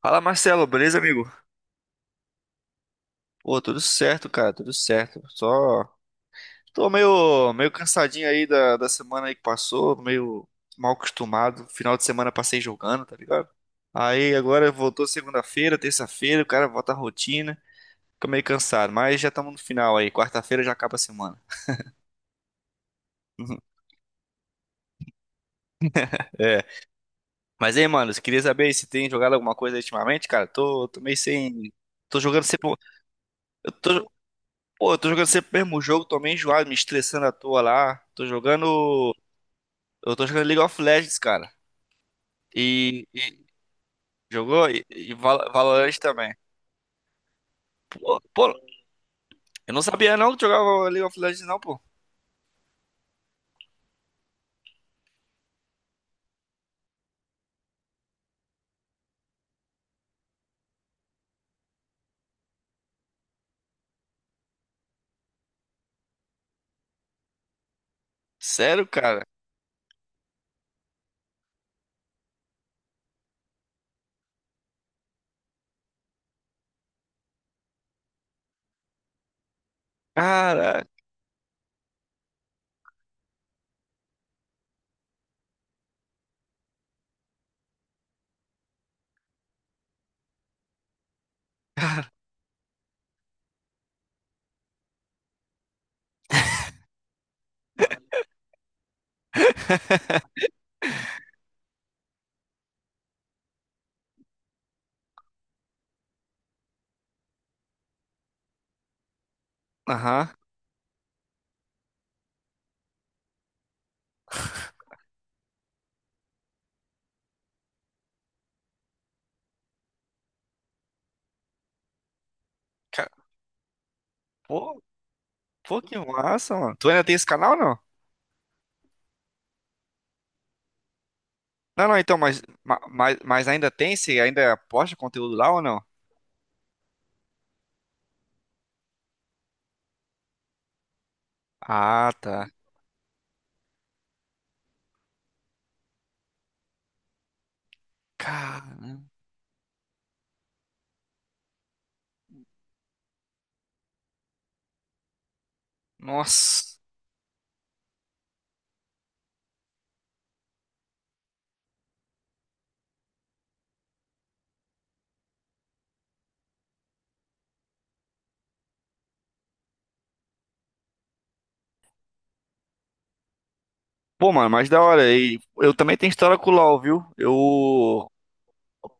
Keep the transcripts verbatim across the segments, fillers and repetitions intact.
Fala, Marcelo, beleza, amigo? Pô, tudo certo, cara, tudo certo. Só tô meio, meio cansadinho aí da, da semana aí que passou, meio mal acostumado. Final de semana passei jogando, tá ligado? Aí agora voltou segunda-feira, terça-feira, o cara volta à rotina. Fica meio cansado, mas já estamos no final aí. Quarta-feira já acaba a semana. É. Mas aí, mano, eu queria saber aí se tem jogado alguma coisa ultimamente, cara. Tô, tô meio sem. Tô jogando sempre. Eu tô. Pô, eu tô jogando sempre o mesmo jogo, tô meio enjoado, me estressando à toa lá. Tô jogando. Eu tô jogando League of Legends, cara. E, e- jogou? E, e Val- Valorant também. Pô, pô, eu não sabia não que jogava League of Legends, não, pô. Sério, cara? Caraca. Aham. Ca- Pô, pô, que massa, mano. Tu ainda tem esse canal, ou não? Não, não, então, mas, ma- mas, mas ainda tem? Você ainda posta conteúdo lá ou não? Ah, tá. Cara, nossa. Pô, mano, mas da hora. E eu também tenho história com o LoL, viu? Eu.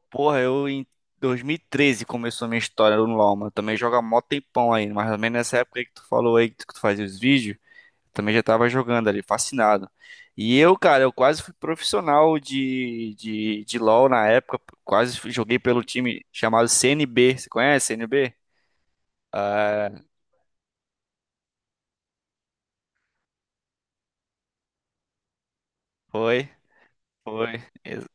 Porra, eu em dois mil e treze começou a minha história no LoL, mano. Também joga mó tempão aí. Mas também nessa época aí que tu falou aí que tu fazia os vídeos, também já tava jogando ali, fascinado. E eu, cara, eu quase fui profissional de, de, de LoL na época. Quase fui- joguei pelo time chamado C N B. Você conhece C N B? Ah, foi, foi. Ex-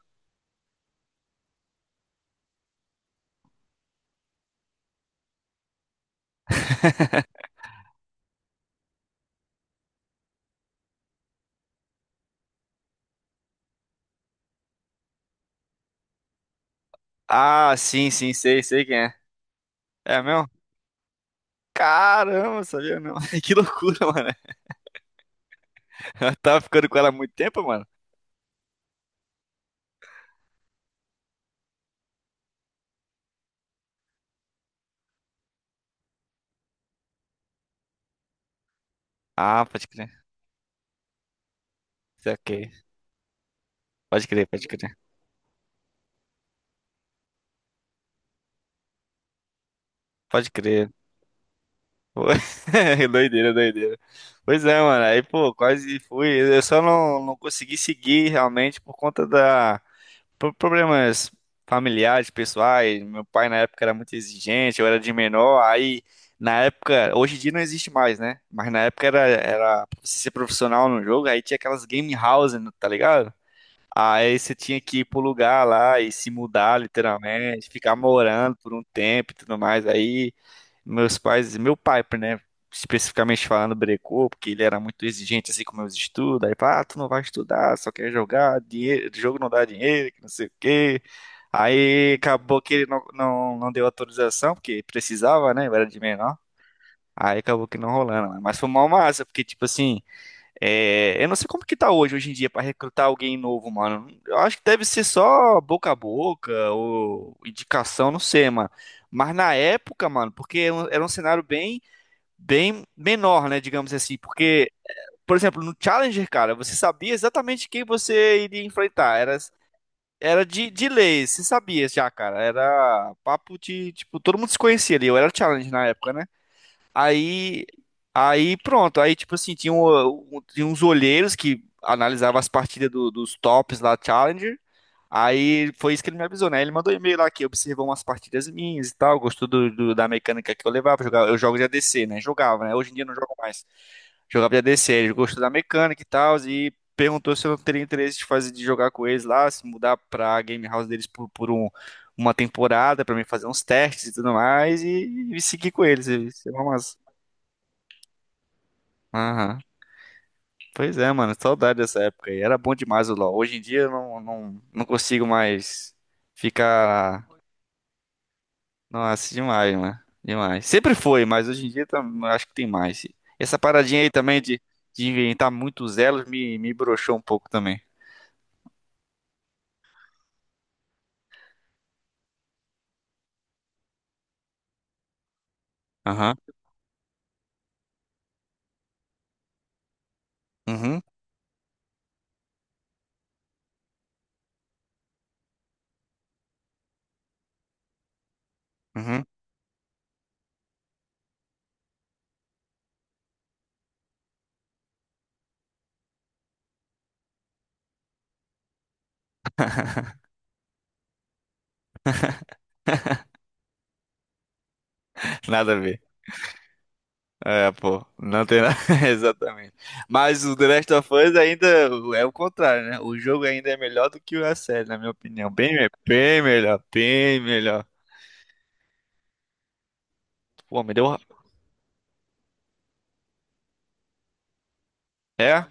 Ah, sim, sim, sei, sei quem é. É mesmo? Caramba, sabia não. Que loucura, mano. Eu tava ficando com ela há muito tempo, mano. Ah, pode crer. Isso é ok. Pode crer, pode crer. Pode crer. Pô, doideira, doideira. Pois é, mano. Aí, pô, quase fui. Eu só não, não consegui seguir realmente por conta da por problemas familiares, pessoais. Meu pai na época era muito exigente, eu era de menor. Aí, na época, hoje em dia não existe mais, né? Mas na época era, era pra você ser profissional no jogo, aí tinha aquelas game houses, tá ligado? Aí você tinha que ir pro lugar lá e se mudar, literalmente, ficar morando por um tempo e tudo mais. Aí meus pais, meu pai, né, especificamente falando, brecou, porque ele era muito exigente assim com meus estudos. Aí, ah, tu não vai estudar, só quer jogar, dinheiro, jogo não dá dinheiro, que não sei o quê. Aí acabou que ele não, não, não deu autorização, porque precisava, né? Eu era de menor. Aí acabou que não rolando, né? Mas foi mó massa, porque tipo assim. É, eu não sei como que tá hoje, hoje em dia, pra recrutar alguém novo, mano. Eu acho que deve ser só boca a boca ou indicação, não sei, mano. Mas na época, mano, porque era um era um cenário bem, bem menor, né, digamos assim. Porque, por exemplo, no Challenger, cara, você sabia exatamente quem você iria enfrentar. Era, era de, de lei, você sabia já, cara. Era papo de, tipo, todo mundo se conhecia ali. Eu era Challenger na época, né? Aí, aí pronto. Aí, tipo assim, tinha, um- um- tinha uns olheiros que analisavam as partidas do- dos tops lá, Challenger. Aí foi isso que ele me avisou, né? Ele mandou e-mail lá que observou umas partidas minhas e tal, gostou do, do- da mecânica que eu levava. Jogava, eu jogo de A D C, né? Jogava, né? Hoje em dia eu não jogo mais. Jogava de A D C, ele gostou da mecânica e tal, e perguntou se eu não teria interesse de fazer de jogar com eles lá, se mudar pra game house deles por, por um- uma temporada, pra mim fazer uns testes e tudo mais, e, e seguir com eles. Isso é uma massa. Aham. Pois é, mano, saudade dessa época aí. Era bom demais o LoL. Hoje em dia eu não, não, não consigo mais ficar. Nossa, demais, mano. Demais. Sempre foi, mas hoje em dia tá- acho que tem mais. Essa paradinha aí também de, de inventar muitos elos me, me broxou um pouco também. Aham. Uhum. Uhum. Nada a ver. É, pô, não tem nada. Exatamente. Mas o The Last of Us ainda é o contrário, né? O jogo ainda é melhor do que a série, na minha opinião. Bem, me- bem melhor, bem melhor. Pô, me deu. ra- É?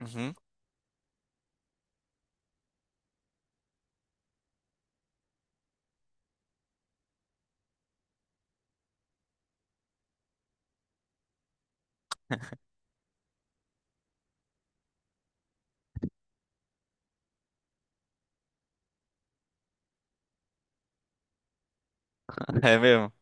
Uhum. É mesmo.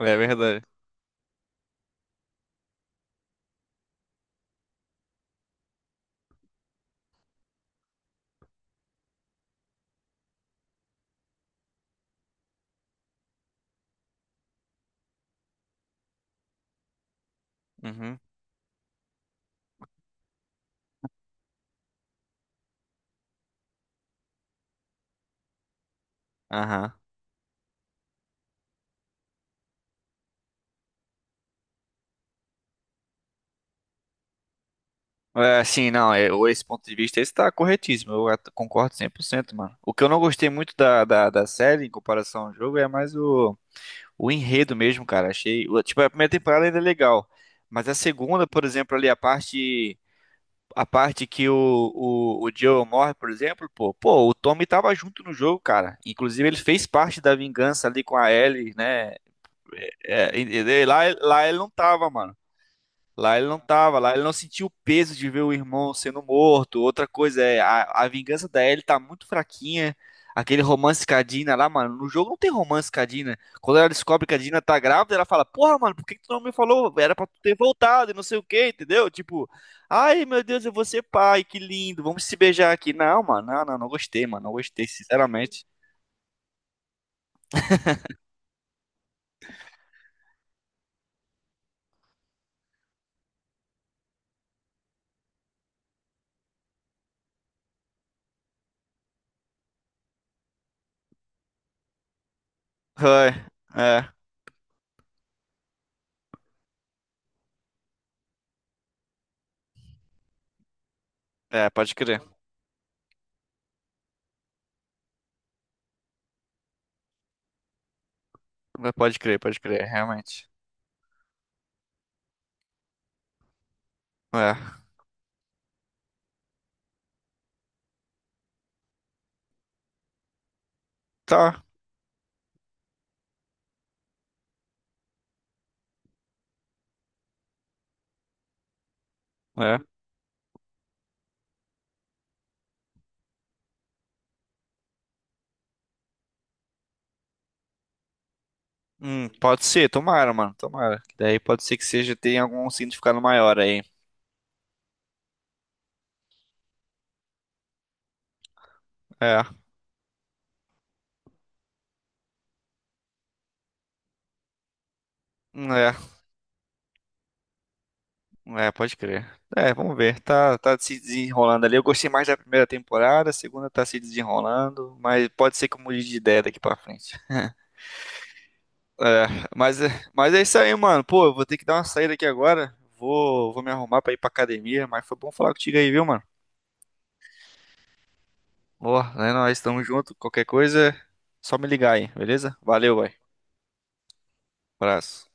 É verdade. Uhum. Aham. É, sim, não, é, o- esse ponto de vista esse tá corretíssimo, eu at- concordo cem por cento, mano. O que eu não gostei muito da, da, da série em comparação ao jogo é mais o, o enredo mesmo, cara. Achei, o- tipo, a primeira temporada ainda é legal, mas a segunda, por exemplo, ali a parte a parte que o, o, o Joel morre, por exemplo, pô, pô, o Tommy tava junto no jogo, cara. Inclusive ele fez parte da vingança ali com a Ellie, né? É, e- e- lá, lá ele não tava, mano. Lá ele não tava, lá ele não sentiu o peso de ver o irmão sendo morto. Outra coisa é, a, a vingança da Ellie tá muito fraquinha. Aquele romance com a Dina lá, mano. No jogo não tem romance com a Dina. Quando ela descobre que a Dina tá grávida, ela fala: Porra, mano, por que que tu não me falou? Era pra tu ter voltado e não sei o que, entendeu? Tipo, ai meu Deus, eu vou ser pai, que lindo, vamos se beijar aqui. Não, mano, não, não, não gostei, mano, não gostei, sinceramente. Ai, é, é, pode crer. Pode crer, pode crer, realmente. É. Tá, é. Hum, pode ser, tomara, mano, tomara. Daí pode ser que seja, tenha algum significado maior aí. É, hum, é, é, pode crer. É, vamos ver, tá, tá se desenrolando ali. Eu gostei mais da primeira temporada, a segunda tá se desenrolando, mas pode ser que eu mude de ideia daqui pra frente. É, mas, é- mas é isso aí, mano. Pô, eu vou ter que dar uma saída aqui agora. Vou, vou me arrumar pra ir pra academia, mas foi bom falar contigo aí, viu, mano? Boa, né? Nós estamos juntos. Qualquer coisa, só me ligar aí, beleza? Valeu, vai. Abraço.